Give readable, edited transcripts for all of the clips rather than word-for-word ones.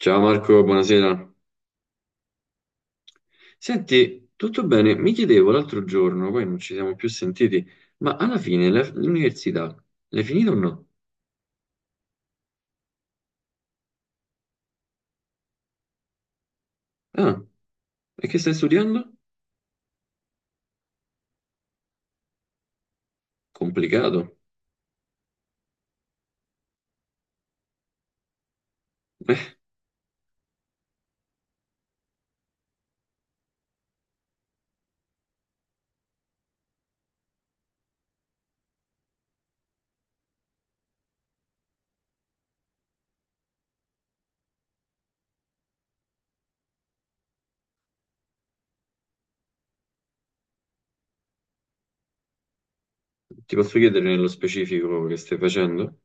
Ciao Marco, buonasera. Senti, tutto bene? Mi chiedevo l'altro giorno, poi non ci siamo più sentiti, ma alla fine l'università l'hai finita o no? Ah, e che stai studiando? Complicato. Eh, Ti posso chiedere nello specifico che stai facendo?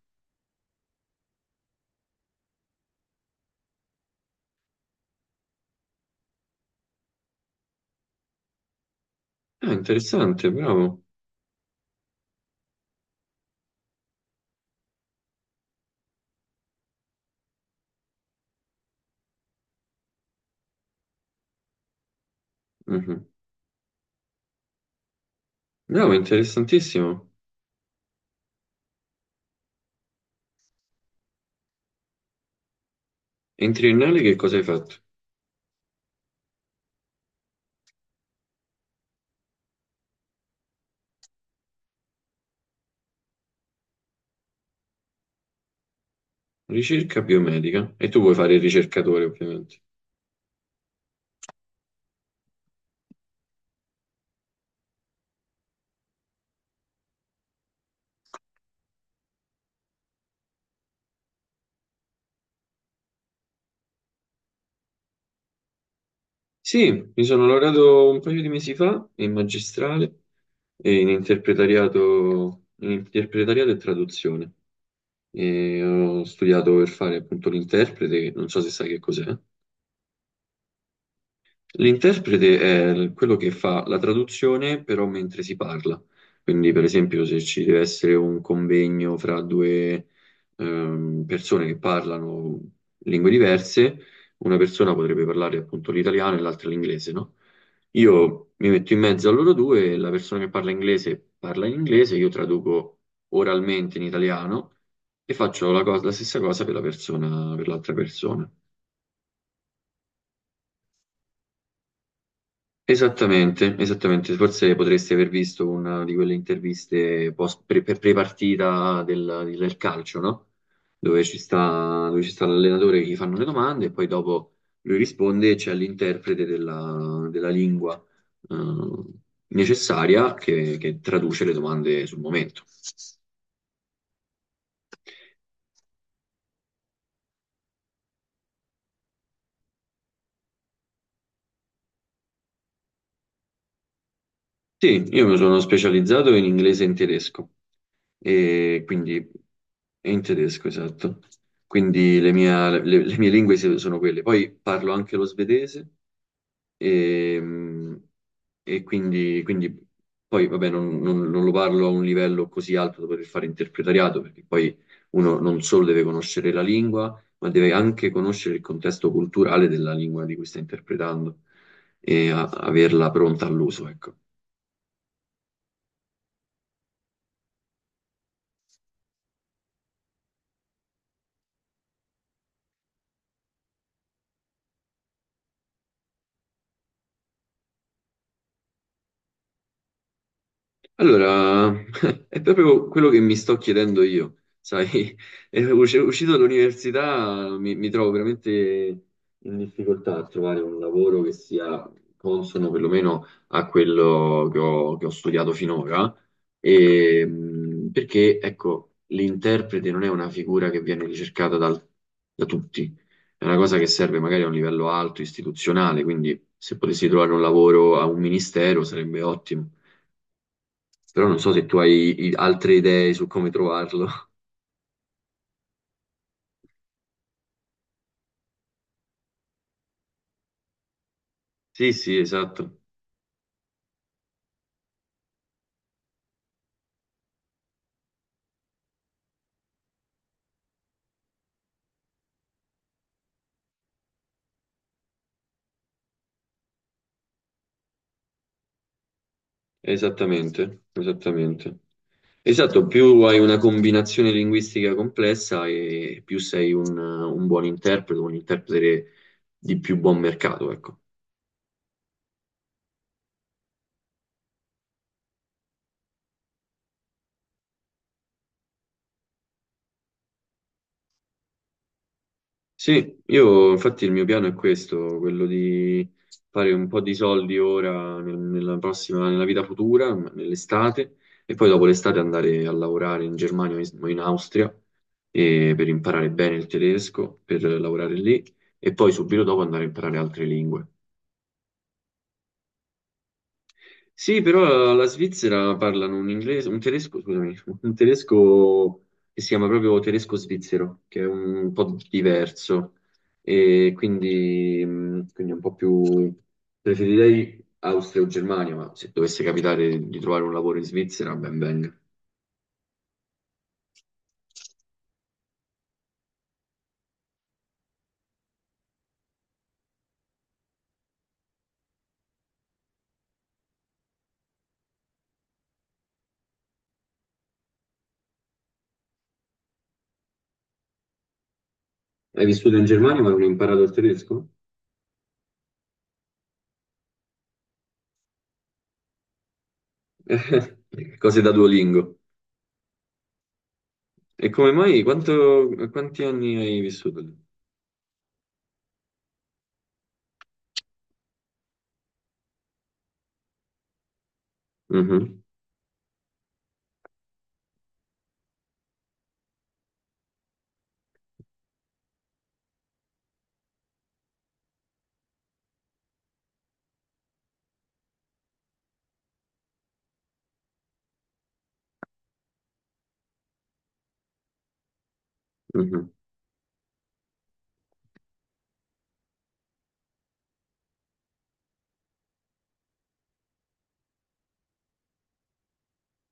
Ah, interessante, bravo. Mhm. Bravo, interessantissimo. E in triennale che cosa hai fatto? Ricerca biomedica. E tu vuoi fare il ricercatore, ovviamente. Sì, mi sono laureato un paio di mesi fa in magistrale, e in interpretariato e traduzione. E ho studiato per fare appunto l'interprete, che non so se sai che cos'è. L'interprete è quello che fa la traduzione, però mentre si parla. Quindi, per esempio, se ci deve essere un convegno fra due persone che parlano lingue diverse, una persona potrebbe parlare appunto l'italiano e l'altra l'inglese, no? Io mi metto in mezzo a loro due, la persona che parla inglese parla in inglese, io traduco oralmente in italiano e faccio la stessa cosa per la persona, per l'altra persona. Esattamente, esattamente. Forse potresti aver visto una di quelle interviste post, pre-partita del calcio, no? Dove ci sta l'allenatore che gli fanno le domande e poi dopo lui risponde e c'è l'interprete della lingua eh, necessaria che traduce le domande sul momento. Sì, io mi sono specializzato in inglese e in tedesco. E quindi è in tedesco, esatto. Quindi le mie lingue sono quelle. Poi parlo anche lo svedese e, e quindi poi vabbè, non lo parlo a un livello così alto da poter fare interpretariato, perché poi uno non solo deve conoscere la lingua, ma deve anche conoscere il contesto culturale della lingua di cui sta interpretando e averla pronta all'uso, ecco. Allora, è proprio quello che mi sto chiedendo io, sai, è uscito dall'università mi trovo veramente in difficoltà a trovare un lavoro che sia consono perlomeno a quello che ho studiato finora. E, perché ecco, l'interprete non è una figura che viene ricercata da tutti, è una cosa che serve magari a un livello alto, istituzionale, quindi se potessi trovare un lavoro a un ministero sarebbe ottimo. Però non so se tu hai altre idee su come trovarlo. Sì, sì, esatto, esattamente, esattamente. Esatto, più hai una combinazione linguistica complessa e più sei un buon interprete, un interprete di più buon mercato, ecco. Sì, io infatti il mio piano è questo, quello di fare un po' di soldi ora nella prossima, nella vita futura, nell'estate, e poi dopo l'estate andare a lavorare in Germania o in Austria per imparare bene il tedesco, per lavorare lì, e poi subito dopo andare a imparare altre lingue. Sì, però la Svizzera parlano un inglese, un tedesco, scusami, un tedesco che si chiama proprio tedesco svizzero, che è un po' diverso e quindi è un po' più preferirei Austria o Germania, ma se dovesse capitare di trovare un lavoro in Svizzera, ben venga. Hai vissuto in Germania ma non hai imparato il tedesco? Cose da Duolingo. E come mai? Quanti anni hai vissuto lì? Mhm, mhm.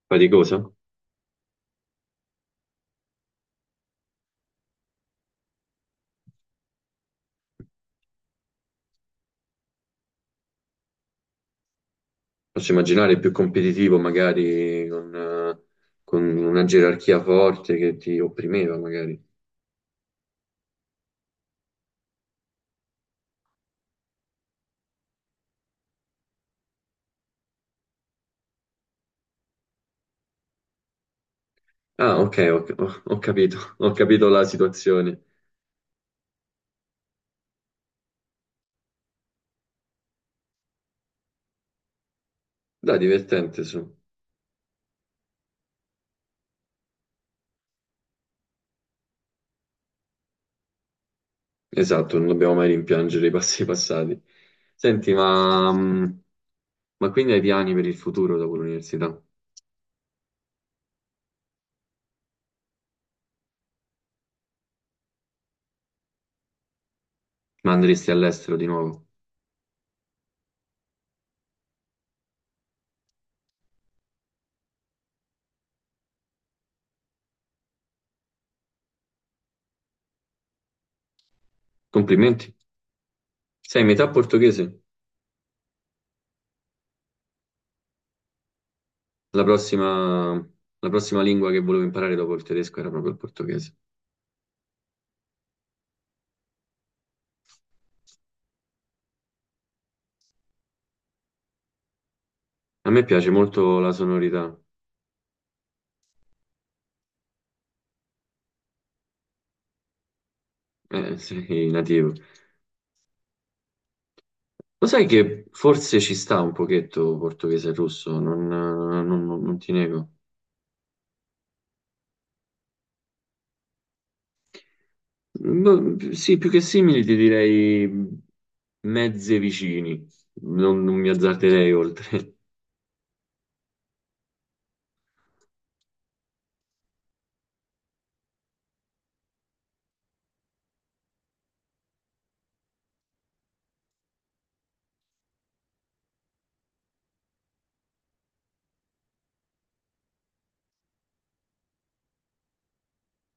Faticosa? Posso immaginare più competitivo magari con una gerarchia forte che ti opprimeva magari. Ah, ok, ho capito, ho capito la situazione. Dai, divertente, su. Esatto, non dobbiamo mai rimpiangere i passi passati. Senti, ma quindi hai piani per il futuro dopo l'università? Ma andresti all'estero di nuovo? Complimenti. Sei metà portoghese. La prossima lingua che volevo imparare dopo il tedesco era proprio il portoghese. A me piace molto la sonorità, sei nativo. Lo sai che forse ci sta un pochetto portoghese e russo, non ti nego. Ma, sì, più che simili ti direi mezze vicini, non mi azzarderei oltre.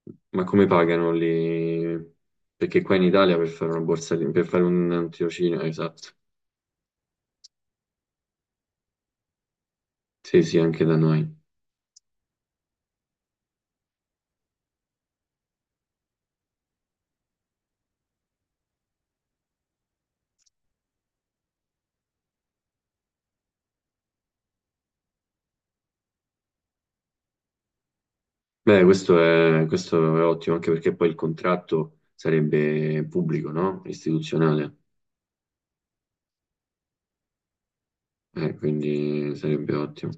Ma come pagano lì? Perché qua in Italia per fare una borsa, per fare un tirocinio, esatto. Sì, sì, anche da noi. Beh, questo è ottimo, anche perché poi il contratto sarebbe pubblico, no? Istituzionale. Quindi sarebbe ottimo.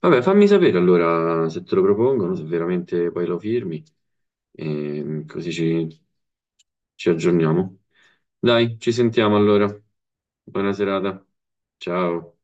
Vabbè, fammi sapere allora se te lo propongono, se veramente poi lo firmi, e ci aggiorniamo. Dai, ci sentiamo allora. Buona serata. Ciao.